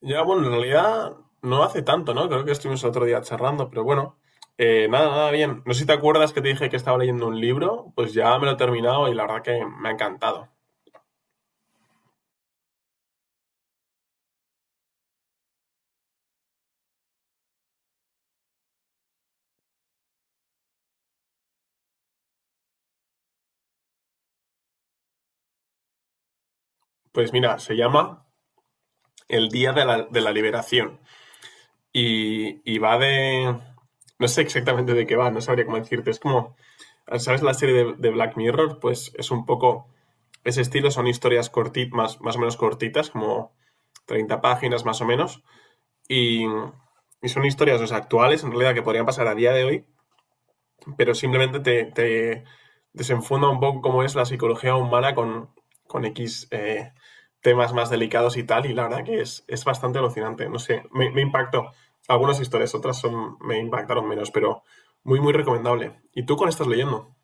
Ya, bueno, en realidad no hace tanto, ¿no? Creo que estuvimos el otro día charlando, pero bueno, nada, bien. No sé si te acuerdas que te dije que estaba leyendo un libro, pues ya me lo he terminado y la verdad que me ha encantado. Pues mira, se llama El Día de la Liberación y va de... No sé exactamente de qué va, no sabría cómo decirte. Es como, ¿sabes la serie de Black Mirror? Pues es un poco ese estilo, son historias cortitas, más o menos cortitas, como 30 páginas más o menos. Y, y son historias, o sea, actuales, en realidad, que podrían pasar a día de hoy, pero simplemente te desenfunda un poco cómo es la psicología humana con X, temas más delicados y tal, y la verdad que es bastante alucinante. No sé, me impactó. Algunas historias, otras son, me impactaron menos, pero muy recomendable. ¿Y tú cuál estás leyendo?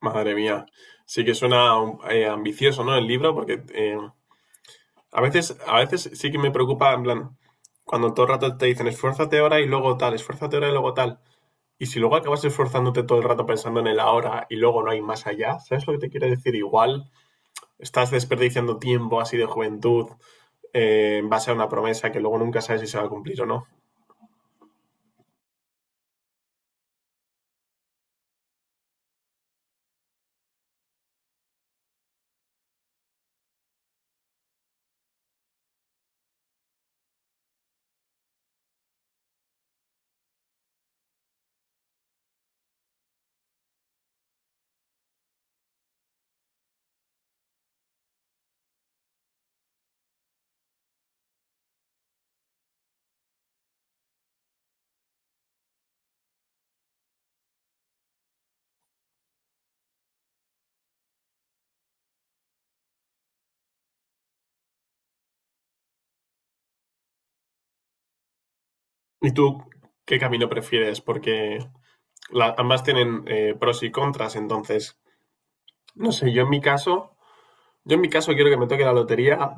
Madre mía, sí que suena ambicioso, ¿no? El libro, porque a veces sí que me preocupa, en plan, cuando todo el rato te dicen esfuérzate ahora y luego tal, esfuérzate ahora y luego tal. Y si luego acabas esforzándote todo el rato pensando en el ahora y luego no hay más allá, ¿sabes lo que te quiero decir? Igual estás desperdiciando tiempo así de juventud, en base a una promesa que luego nunca sabes si se va a cumplir o no. ¿Y tú qué camino prefieres? Porque ambas tienen, pros y contras, entonces, no sé, yo en mi caso quiero que me toque la lotería,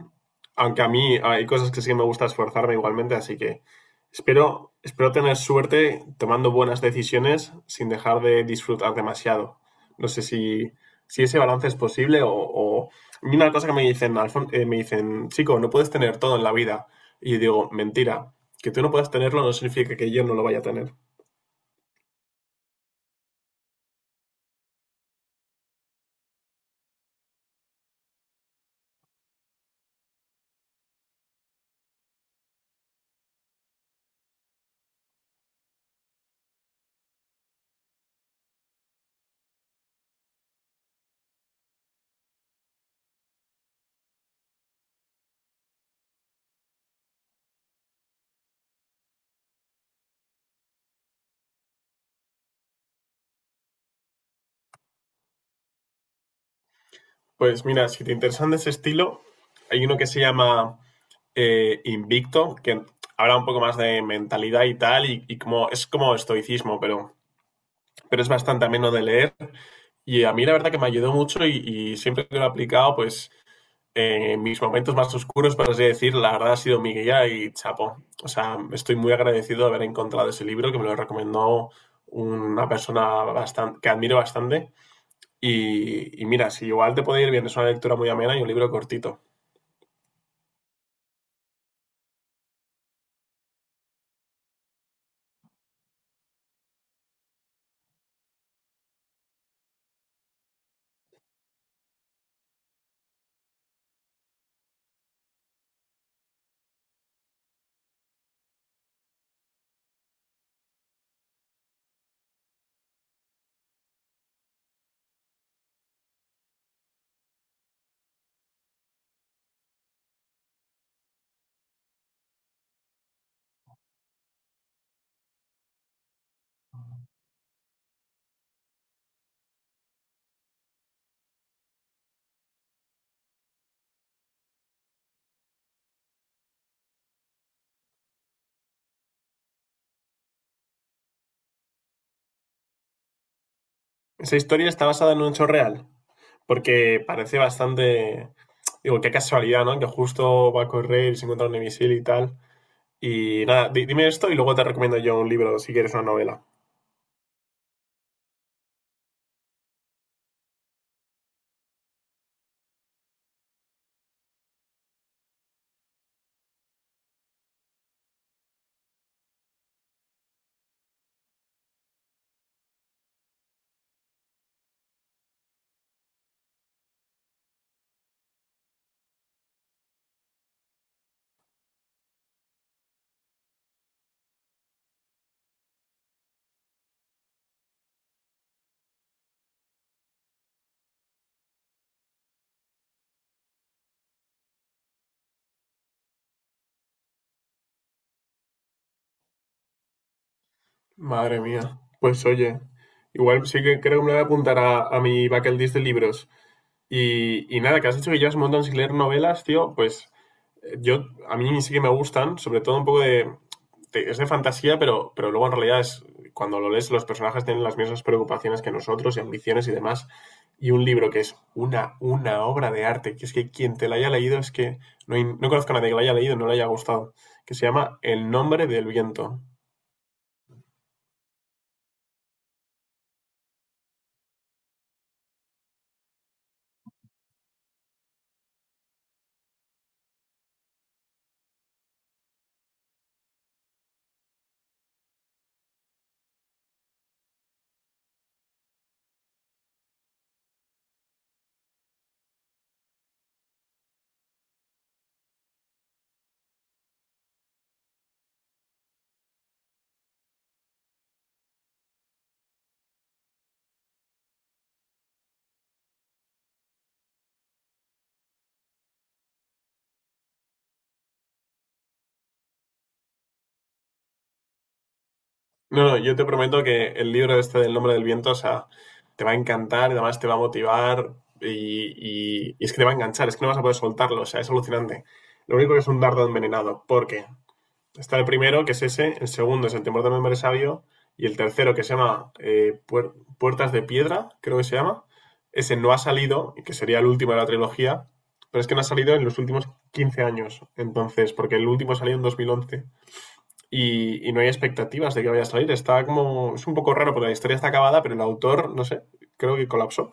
aunque a mí hay cosas que sí que me gusta esforzarme igualmente, así que espero tener suerte tomando buenas decisiones sin dejar de disfrutar demasiado. No sé si ese balance es posible o... A mí una cosa que me dicen, me dicen, chico, no puedes tener todo en la vida. Y yo digo, mentira, que tú no puedas tenerlo no significa que yo no lo vaya a tener. Pues mira, si te interesan de ese estilo, hay uno que se llama, Invicto, que habla un poco más de mentalidad y tal, y como es como estoicismo, pero es bastante ameno de leer. Y a mí la verdad que me ayudó mucho y siempre que lo he aplicado, pues, mis momentos más oscuros, por así decir, la verdad ha sido mi guía y chapo. O sea, estoy muy agradecido de haber encontrado ese libro que me lo recomendó una persona bastante, que admiro bastante. Y mira, si igual te puede ir bien, es una lectura muy amena y un libro cortito. Esa historia está basada en un hecho real, porque parece bastante. Digo, qué casualidad, ¿no? Que justo va a correr y se encuentra un misil y tal. Y nada, dime esto y luego te recomiendo yo un libro si quieres una novela. Madre mía. Pues oye, igual sí que creo que me voy a apuntar a mi bucket list de libros. Y nada, que has dicho que llevas un montón sin leer novelas, tío, pues, a mí sí que me gustan, sobre todo un poco de, es de fantasía, pero luego en realidad es, cuando lo lees, los personajes tienen las mismas preocupaciones que nosotros y ambiciones y demás. Y un libro que es una obra de arte, que es que quien te la haya leído es que no, no conozco a nadie que la haya leído y no le haya gustado, que se llama El nombre del viento. No, no, yo te prometo que el libro este del nombre del viento, o sea, te va a encantar, y además te va a motivar y, y es que te va a enganchar, es que no vas a poder soltarlo, o sea, es alucinante. Lo único que es un dardo envenenado, porque está el primero, que es ese, el segundo es El temor del hombre sabio, y el tercero, que se llama, Puertas de Piedra, creo que se llama, ese no ha salido, y que sería el último de la trilogía, pero es que no ha salido en los últimos 15 años, entonces, porque el último salió en 2011 y no hay expectativas de que vaya a salir. Está como... Es un poco raro porque la historia está acabada, pero el autor, no sé, creo que colapsó.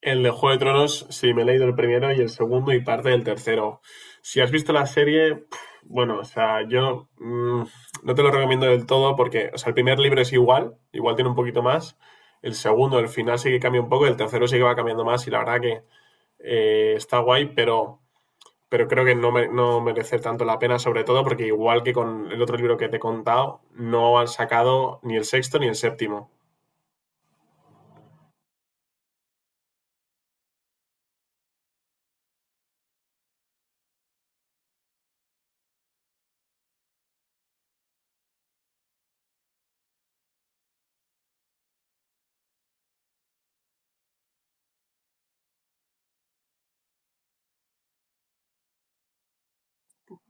El de Juego de Tronos, sí, me he leído el primero y el segundo y parte del tercero. Si has visto la serie, bueno, o sea, no te lo recomiendo del todo porque, o sea, el primer libro es igual tiene un poquito más. El segundo, el final sí que cambia un poco, el tercero sí que va cambiando más y la verdad que, está guay, pero creo que no, no merece tanto la pena, sobre todo porque igual que con el otro libro que te he contado, no han sacado ni el sexto ni el séptimo.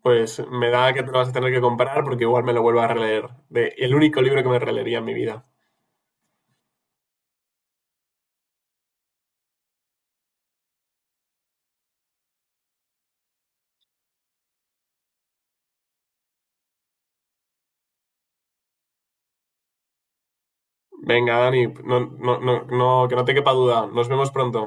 Pues me da que te lo vas a tener que comprar porque igual me lo vuelvo a releer. De, el único libro que me releería en mi vida. Venga, Dani, no, que no te quepa duda. Nos vemos pronto.